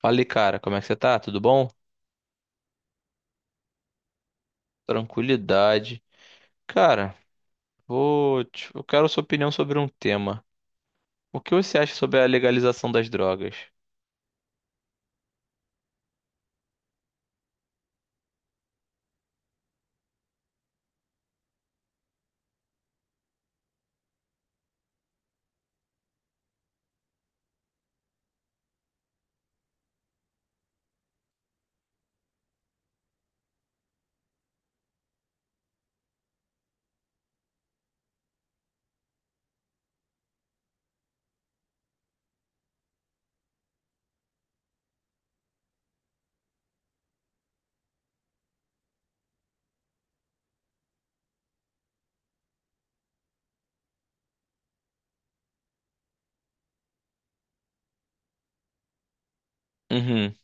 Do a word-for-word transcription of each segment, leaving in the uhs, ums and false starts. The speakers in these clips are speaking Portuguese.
Fala, cara, como é que você tá? Tudo bom? Tranquilidade. Cara, vou te- eu quero sua opinião sobre um tema. O que você acha sobre a legalização das drogas? Uhum,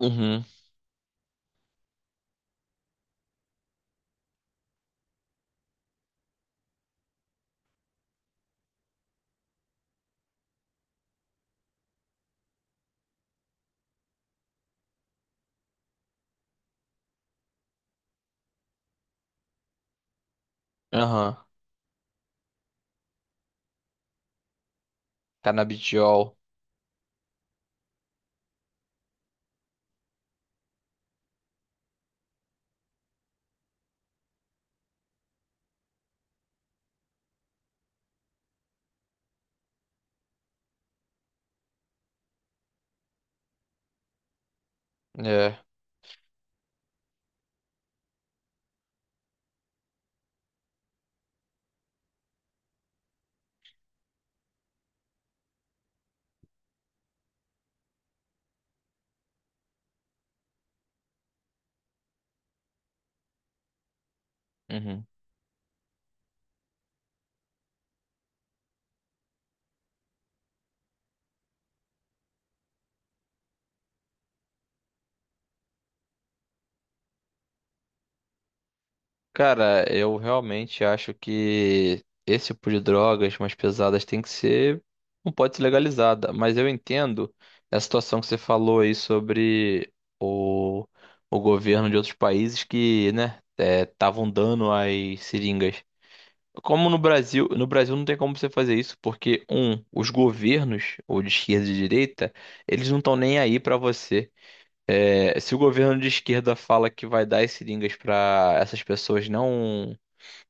uhum, aham. Canabidiol. É. Uhum. Cara, eu realmente acho que esse tipo de drogas mais pesadas tem que ser, não pode ser legalizada, mas eu entendo a situação que você falou aí sobre o, o governo de outros países que, né, estavam dando as seringas. Como no Brasil, no Brasil não tem como você fazer isso, porque, um, os governos, ou de esquerda e de direita, eles não estão nem aí pra você. É, se o governo de esquerda fala que vai dar as seringas para essas pessoas não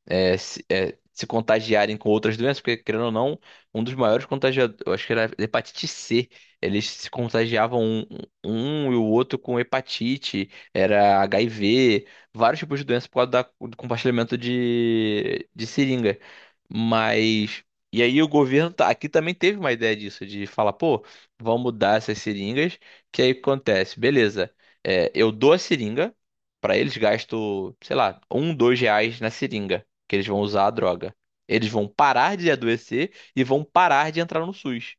é, se, é, se contagiarem com outras doenças, porque, querendo ou não, um dos maiores contagiadores, eu acho que era hepatite cê, eles se contagiavam um, um e o outro com hepatite, era H I V, vários tipos de doenças por causa da- do compartilhamento de, de seringa. Mas. E aí o governo tá- aqui também teve uma ideia disso, de falar, pô, vamos mudar essas seringas, que aí o que acontece, beleza, é, eu dou a seringa, pra eles gasto, sei lá, um, dois reais na seringa que eles vão usar a droga. Eles vão parar de adoecer e vão parar de entrar no SUS.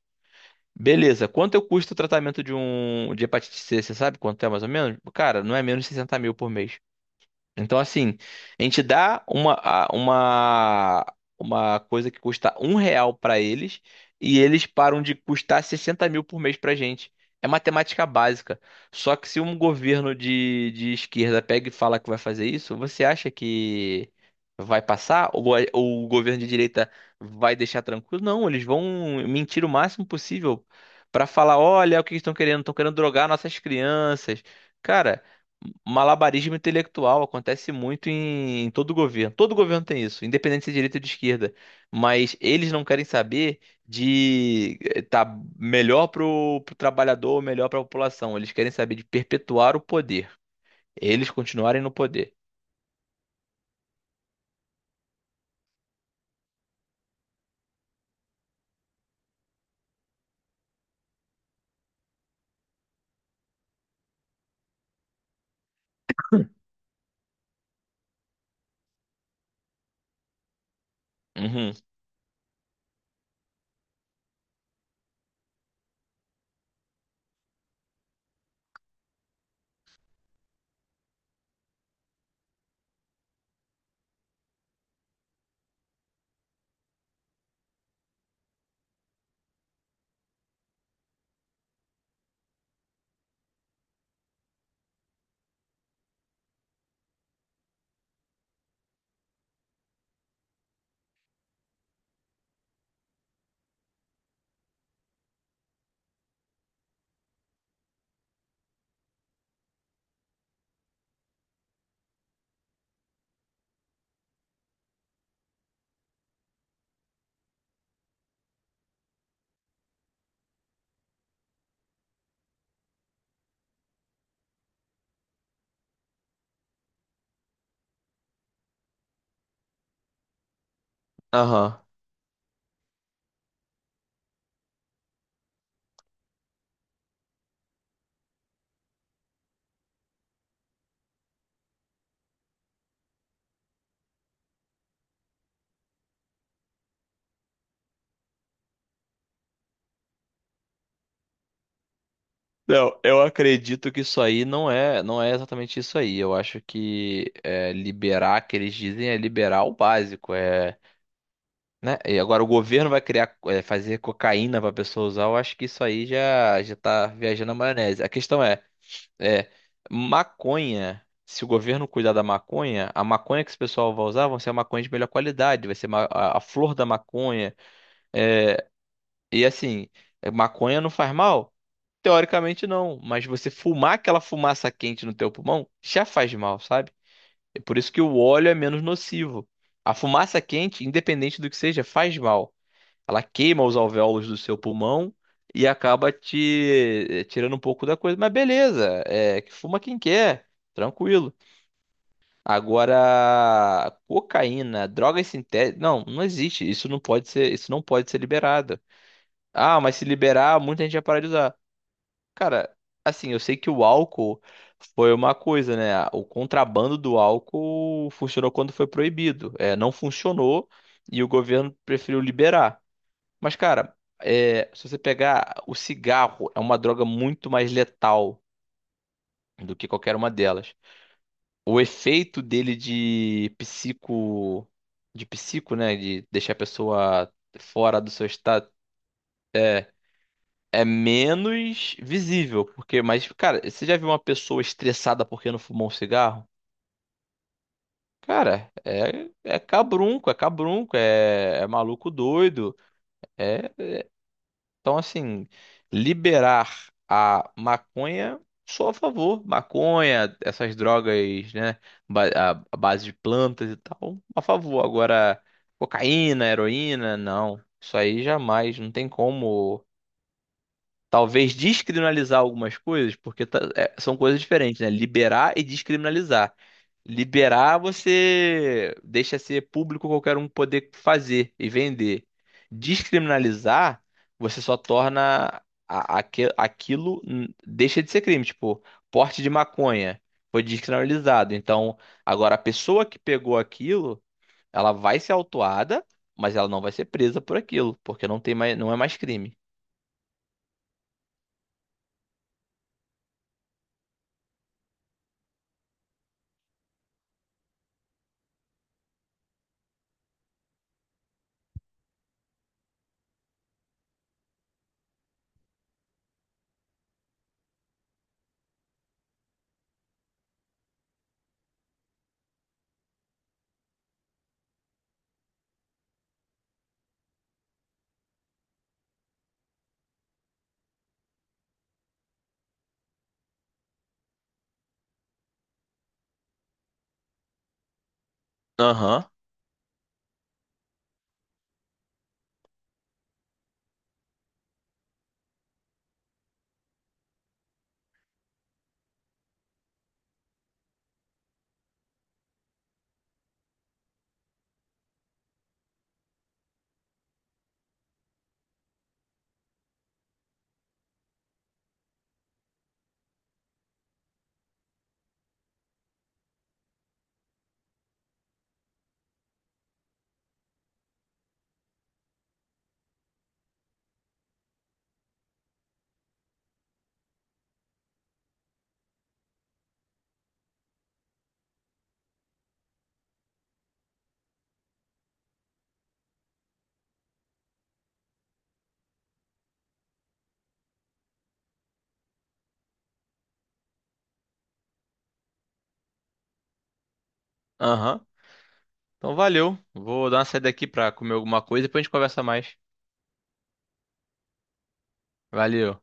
Beleza, quanto eu custa o tratamento de um de hepatite cê? Você sabe quanto é mais ou menos? Cara, não é menos de sessenta mil por mês. Então, assim, a gente dá uma, a- uma, uma coisa que custa um real pra eles e eles param de custar sessenta mil por mês pra gente. É matemática básica. Só que se um governo de, de esquerda pega e fala que vai fazer isso, você acha que vai passar? Ou, a- ou o governo de direita vai deixar tranquilo? Não, eles vão mentir o máximo possível pra falar: olha o que eles estão querendo, estão querendo drogar nossas crianças. Cara. Malabarismo intelectual acontece muito em, em todo governo. Todo governo tem isso, independente se é direita ou de esquerda. Mas eles não querem saber de estar tá melhor pro, pro trabalhador ou melhor para a população. Eles querem saber de perpetuar o poder. Eles continuarem no poder. Uhum. Aham. Não, eu acredito que isso aí não é, não é exatamente isso aí. Eu acho que é, liberar, que eles dizem, é liberar o básico. Né? E agora o governo vai criar, eh, fazer cocaína para pessoa usar, eu acho que isso aí já já tá viajando a maionese. A questão é, é, maconha, se o governo cuidar da maconha, a maconha que esse pessoal vai usar vão ser a maconha de melhor qualidade, vai ser ma- a, a flor da maconha. É. E assim, eh, maconha não faz mal? Teoricamente não, mas você fumar aquela fumaça quente no teu pulmão já faz mal, sabe? É por isso que o óleo é menos nocivo. A fumaça quente, independente do que seja, faz mal. Ela queima os alvéolos do seu pulmão e acaba te eh, tirando um pouco da coisa. Mas beleza, é que fuma quem quer, tranquilo. Agora, cocaína, drogas sintéticas, não, não existe. Isso não pode ser, isso não pode ser liberado. Ah, mas se liberar, muita gente vai parar de usar. Cara, assim, eu sei que o álcool foi uma coisa, né? O contrabando do álcool funcionou quando foi proibido. É, não funcionou e o governo preferiu liberar. Mas, cara, é, se você pegar o cigarro, é uma droga muito mais letal do que qualquer uma delas. O efeito dele de psico, de psico, né, de deixar a pessoa fora do seu estado é, é menos visível, porque, mas, cara, você já viu uma pessoa estressada porque não fumou um cigarro? Cara, é, é cabrunco, é cabrunco, é, é maluco doido. É. Então, assim, liberar a maconha, sou a favor. Maconha, essas drogas, né? ba- A a base de plantas e tal, a favor. Agora, cocaína, heroína, não. Isso aí jamais. Não tem como. Talvez descriminalizar algumas coisas, porque tá- é, são coisas diferentes, né? Liberar e descriminalizar. Liberar você deixa ser público qualquer um poder fazer e vender. Descriminalizar, você só torna a- aque- aquilo, hum, deixa de ser crime. Tipo, porte de maconha foi descriminalizado. Então, agora a pessoa que pegou aquilo, ela vai ser autuada, mas ela não vai ser presa por aquilo, porque não tem mais, não é mais crime. Aham, aham. Então valeu. Vou dar uma saída aqui pra comer alguma coisa e depois a gente conversa mais. Valeu.